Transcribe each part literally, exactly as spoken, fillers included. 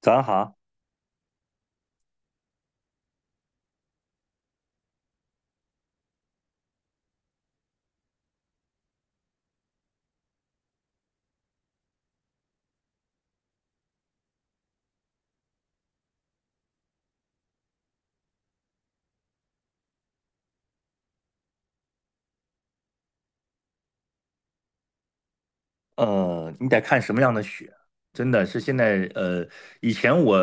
早上好。呃，你得看什么样的雪，真的是现在，呃，以前我，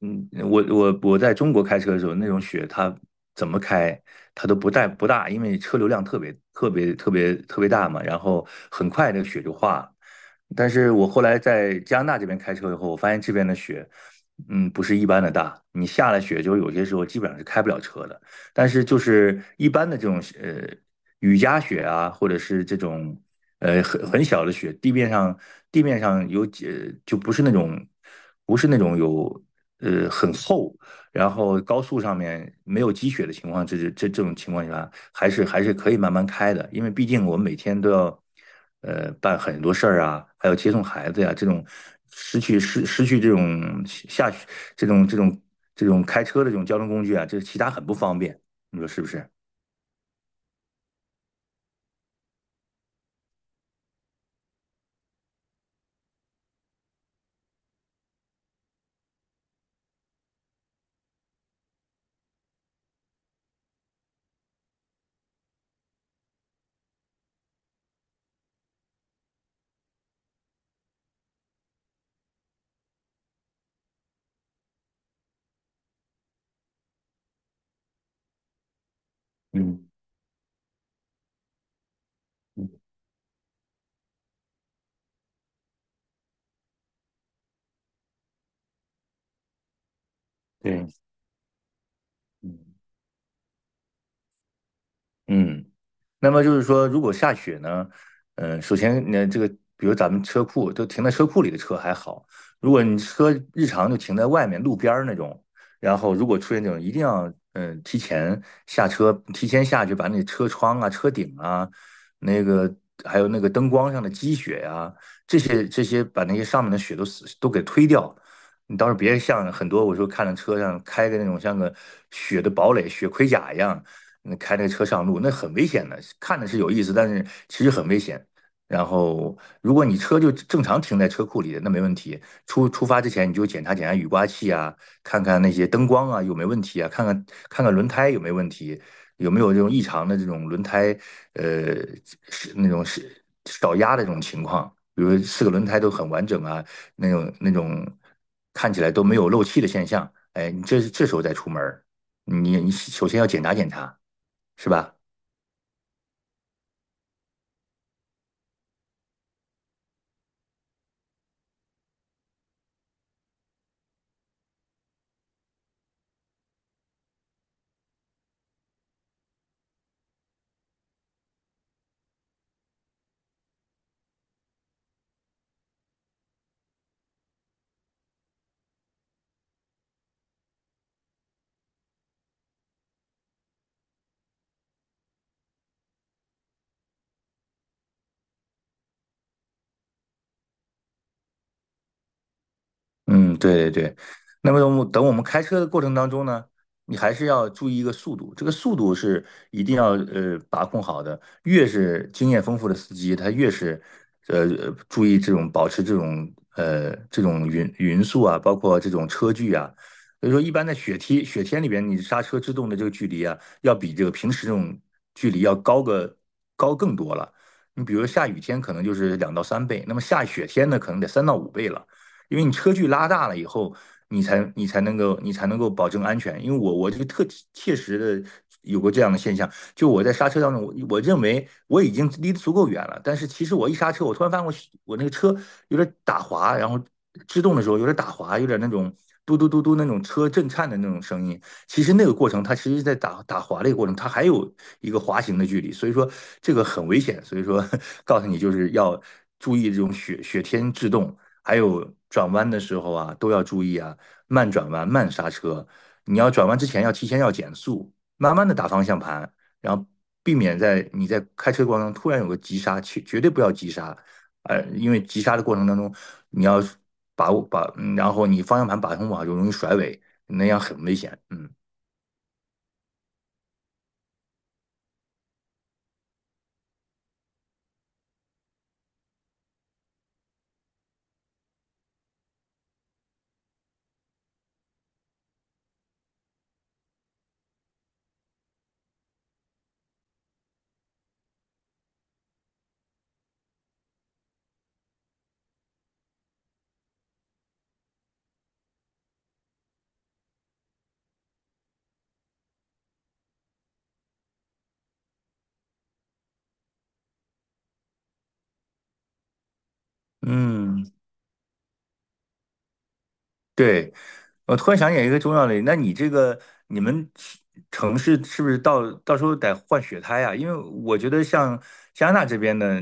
嗯，我我我在中国开车的时候，那种雪它怎么开，它都不带不大，因为车流量特别特别特别特别大嘛，然后很快那个雪就化了。但是我后来在加拿大这边开车以后，我发现这边的雪，嗯，不是一般的大。你下了雪，就有些时候基本上是开不了车的。但是就是一般的这种呃雨夹雪啊，或者是这种呃很很小的雪，地面上地面上有几呃就不是那种不是那种有呃很厚，然后高速上面没有积雪的情况，这这这这种情况下。还是还是可以慢慢开的，因为毕竟我们每天都要，呃，办很多事儿啊、还有接送孩子呀、这种失去失失去这种下这种这种这种开车的这种交通工具啊，这其他很不方便，你说是不是？嗯，对，嗯。嗯。那么就是说，如果下雪呢，嗯、首先那这个，比如咱们车库都停在车库里的车还好，如果你车日常就停在外面路边儿那种，然后如果出现这种，一定要嗯、呃提前下车，提前下去把那车窗啊、车顶啊，那个还有那个灯光上的积雪呀、啊这些这些把那些上面的雪都死、都给推掉。你到时候别像很多我说看着车上开个那种像个雪的堡垒、雪盔甲一样，那开那个车上路，那很危险的。看的是有意思，但是其实很危险。然后，如果你车就正常停在车库里的，那没问题。出出发之前，你就检查检查雨刮器啊，看看那些灯光啊有没有问题啊，看看看看轮胎有没有问题，有没有这种异常的这种轮胎呃是那种是少压的这种情况，比如四个轮胎都很完整啊，那种那种看起来都没有漏气的现象。哎，你这这时候再出门儿，你你首先要检查检查。是吧？嗯，对对对。那么等我们等我们开车的过程当中呢，你还是要注意一个速度，这个速度是一定要呃把控好的。越是经验丰富的司机，他越是呃呃注意这种保持这种呃这种匀匀速啊、包括这种车距啊。所以说，一般在雪天雪天里边，你刹车制动的这个距离啊，要比这个平时这种距离要高个高更多了。你比如下雨天可能就是两到三倍，那么下雪天呢，可能得三到五倍了。因为你车距拉大了以后，你才你才能够你才能够保证安全。因为我我这个特切实的有过这样的现象，就我在刹车当中，我我认为我已经离得足够远了，但是其实我一刹车，我突然发现我我那个车有点打滑，然后制动的时候有点打滑，有点那种嘟嘟嘟嘟那种车震颤的那种声音。其实那个过程，它其实在打打滑的一个过程，它还有一个滑行的距离，所以说这个很危险。所以说 告诉你就是要注意这种雪雪天制动，还有转弯的时候啊，都要注意啊，慢转弯、慢刹车。你要转弯之前要提前要减速，慢慢的打方向盘，然后避免在你在开车过程中突然有个急刹，去绝对不要急刹，呃，因为急刹的过程当中，你要把握把，嗯然后你方向盘把控不好就容易甩尾，那样很危险。嗯嗯。对，我突然想起一个重要的，那你这个你们西城市是不是到到时候得换雪胎啊？因为我觉得像加拿大这边呢，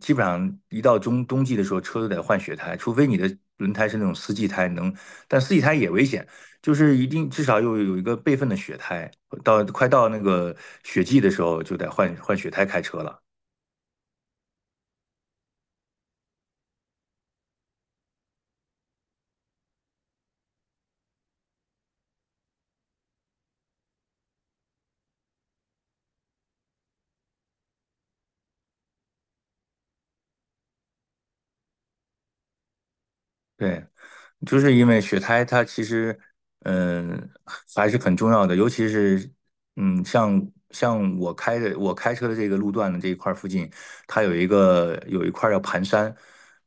基本上一到中冬季的时候，车都得换雪胎，除非你的轮胎是那种四季胎能，但四季胎也危险，就是一定至少有有一个备份的雪胎，到快到那个雪季的时候就得换换雪胎开车了。对，就是因为雪胎它其实，嗯，还是很重要的，尤其是，嗯，像像我开的我开车的这个路段的这一块儿附近，它有一个有一块儿叫盘山，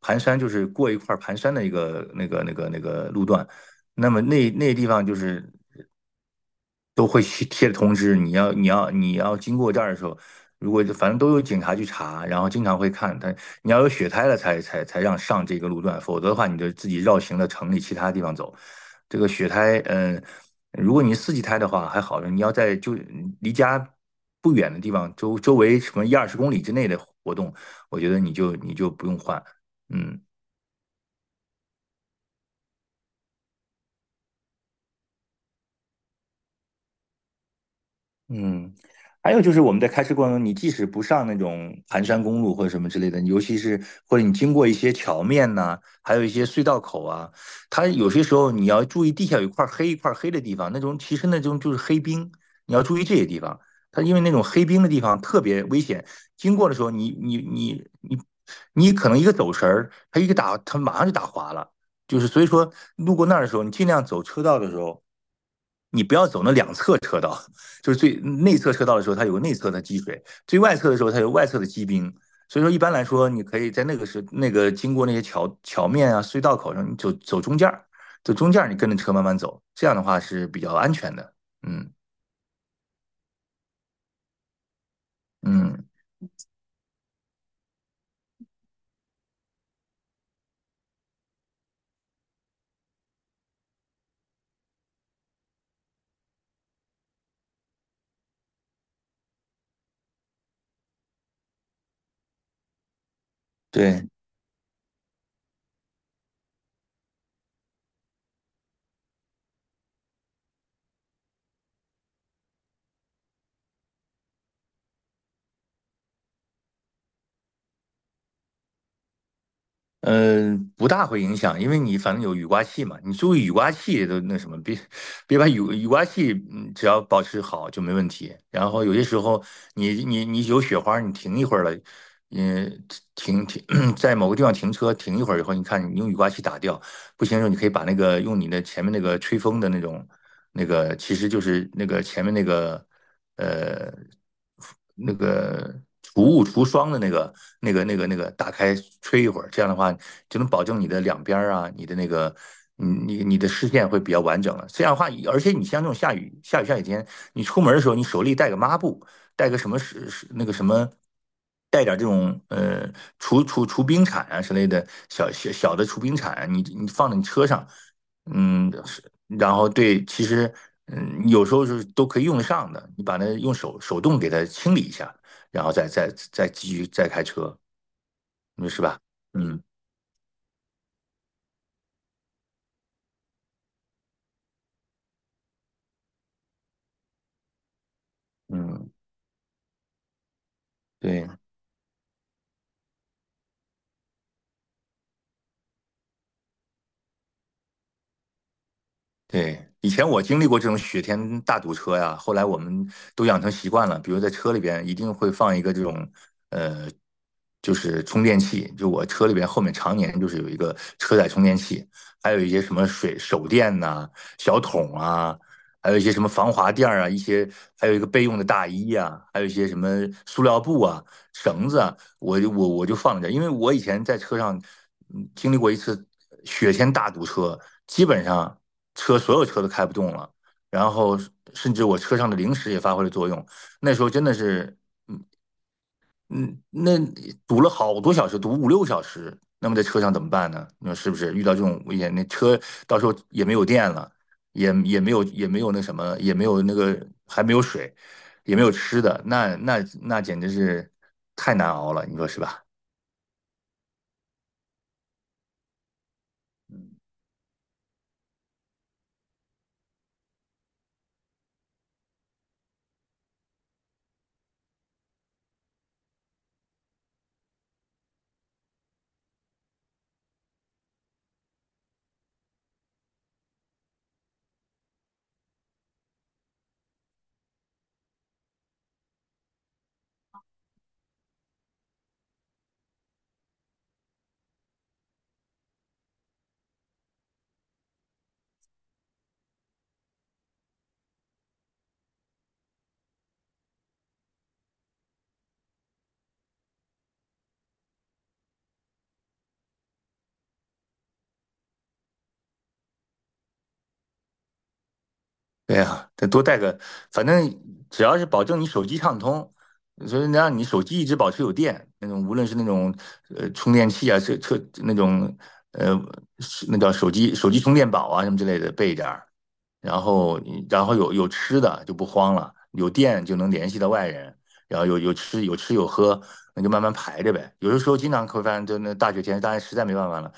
盘山就是过一块儿盘山的一个那个那个那个路段，那么那那地方就是。都会去贴着通知，你要你要你要经过这儿的时候，如果反正都有警察去查，然后经常会看，但你要有血胎了才才才让上这个路段，否则的话你就自己绕行到城里其他地方走。这个血胎，嗯，如果你是四季胎的话还好，你要在就离家不远的地方，周周围什么一二十公里之内的活动，我觉得你就你就不用换，嗯。嗯，还有就是我们在开车过程中，你即使不上那种盘山公路或者什么之类的，尤其是或者你经过一些桥面呐、还有一些隧道口啊，它有些时候你要注意地下有一块黑一块黑的地方，那种其实那种就是黑冰，你要注意这些地方。它因为那种黑冰的地方特别危险，经过的时候你你你你你可能一个走神儿，它一个打它马上就打滑了。就是所以说，路过那儿的时候，你尽量走车道的时候，你不要走那两侧车道。就是最内侧车道的时候，它有个内侧的积水；最外侧的时候，它有外侧的积冰。所以说，一般来说，你可以在那个时那个经过那些桥桥面啊、隧道口上，你走走中间儿，走中间儿，你跟着车慢慢走，这样的话是比较安全的。嗯嗯，对。嗯，不大会影响，因为你反正有雨刮器嘛，你注意雨刮器都那什么，别别把雨雨刮器，嗯，只要保持好就没问题。然后有些时候你你你有雪花你停一会儿了，嗯，停停 在某个地方停车停一会儿以后，你看你用雨刮器打掉，不行的时候你可以把那个用你的前面那个吹风的那种那个，其实就是那个前面那个。呃那个除雾除霜的那个那个那个那个打开吹一会儿，这样的话就能保证你的两边儿啊、你的那个你你你的视线会比较完整了。这样的话，而且你像这种下雨下雨下雨天，你出门的时候，你手里带个抹布，带个什么是是那个什么。带点这种呃除除除冰铲啊之类的小小小的除冰铲啊，你你放在你车上，嗯，然后对，其实嗯，有时候是都可以用得上的。你把那用手手动给它清理一下，然后再再再继续再开车，你说是吧？嗯嗯，对。对，以前我经历过这种雪天大堵车呀，后来我们都养成习惯了，比如在车里边一定会放一个这种，呃，就是充电器，就我车里边后面常年就是有一个车载充电器，还有一些什么水手电呐、小桶啊，还有一些什么防滑垫儿啊、一些还有一个备用的大衣啊，还有一些什么塑料布啊、绳子啊，我就我我就放着，因为我以前在车上嗯经历过一次雪天大堵车，基本上。车所有车都开不动了，然后甚至我车上的零食也发挥了作用。那时候真的是，嗯嗯，那堵了好多小时，堵五六小时。那么在车上怎么办呢？你说是不是？遇到这种危险，那车到时候也没有电了，也也没有也没有那什么，也没有那个还没有水，也没有吃的，那那那简直是太难熬了，你说是吧？对呀，得多带个，反正只要是保证你手机畅通，所以能让你手机一直保持有电，那种无论是那种呃充电器啊，车车那种呃是那叫手机手机充电宝啊什么之类的备一点儿，然后然后有有吃的就不慌了，有电就能联系到外人，然后有有吃有吃有喝，那就慢慢排着呗。有的时候经常会发现，就那大雪天，大家实在没办法了，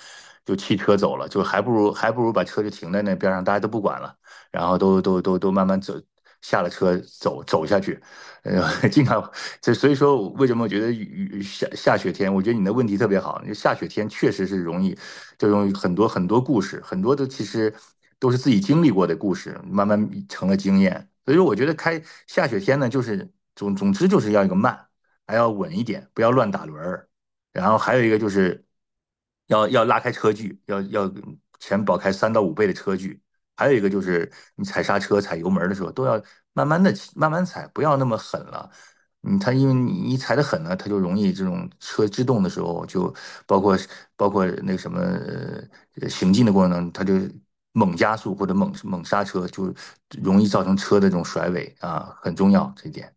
就弃车走了，就还不如还不如把车就停在那边上，大家都不管了，然后都都都都慢慢走，下了车走走下去。呃，经常这，所以说为什么我觉得雨雨下下雪天，我觉得你的问题特别好，就下雪天确实是容易，就容易很多很多故事，很多的其实都是自己经历过的故事，慢慢成了经验。所以说，我觉得开下雪天呢，就是总总之就是要一个慢，还要稳一点，不要乱打轮儿。然后还有一个就是要要拉开车距，要要前保开三到五倍的车距。还有一个就是你踩刹车、踩油门的时候，都要慢慢的慢慢踩，不要那么狠了。嗯，它因为你一踩的狠呢，它就容易这种车制动的时候，就包括包括那个什么呃行进的过程当中，它就猛加速或者猛猛刹车，就容易造成车的这种甩尾啊，很重要这一点。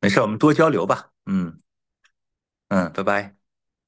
没事儿，我们多交流吧。嗯嗯，拜拜。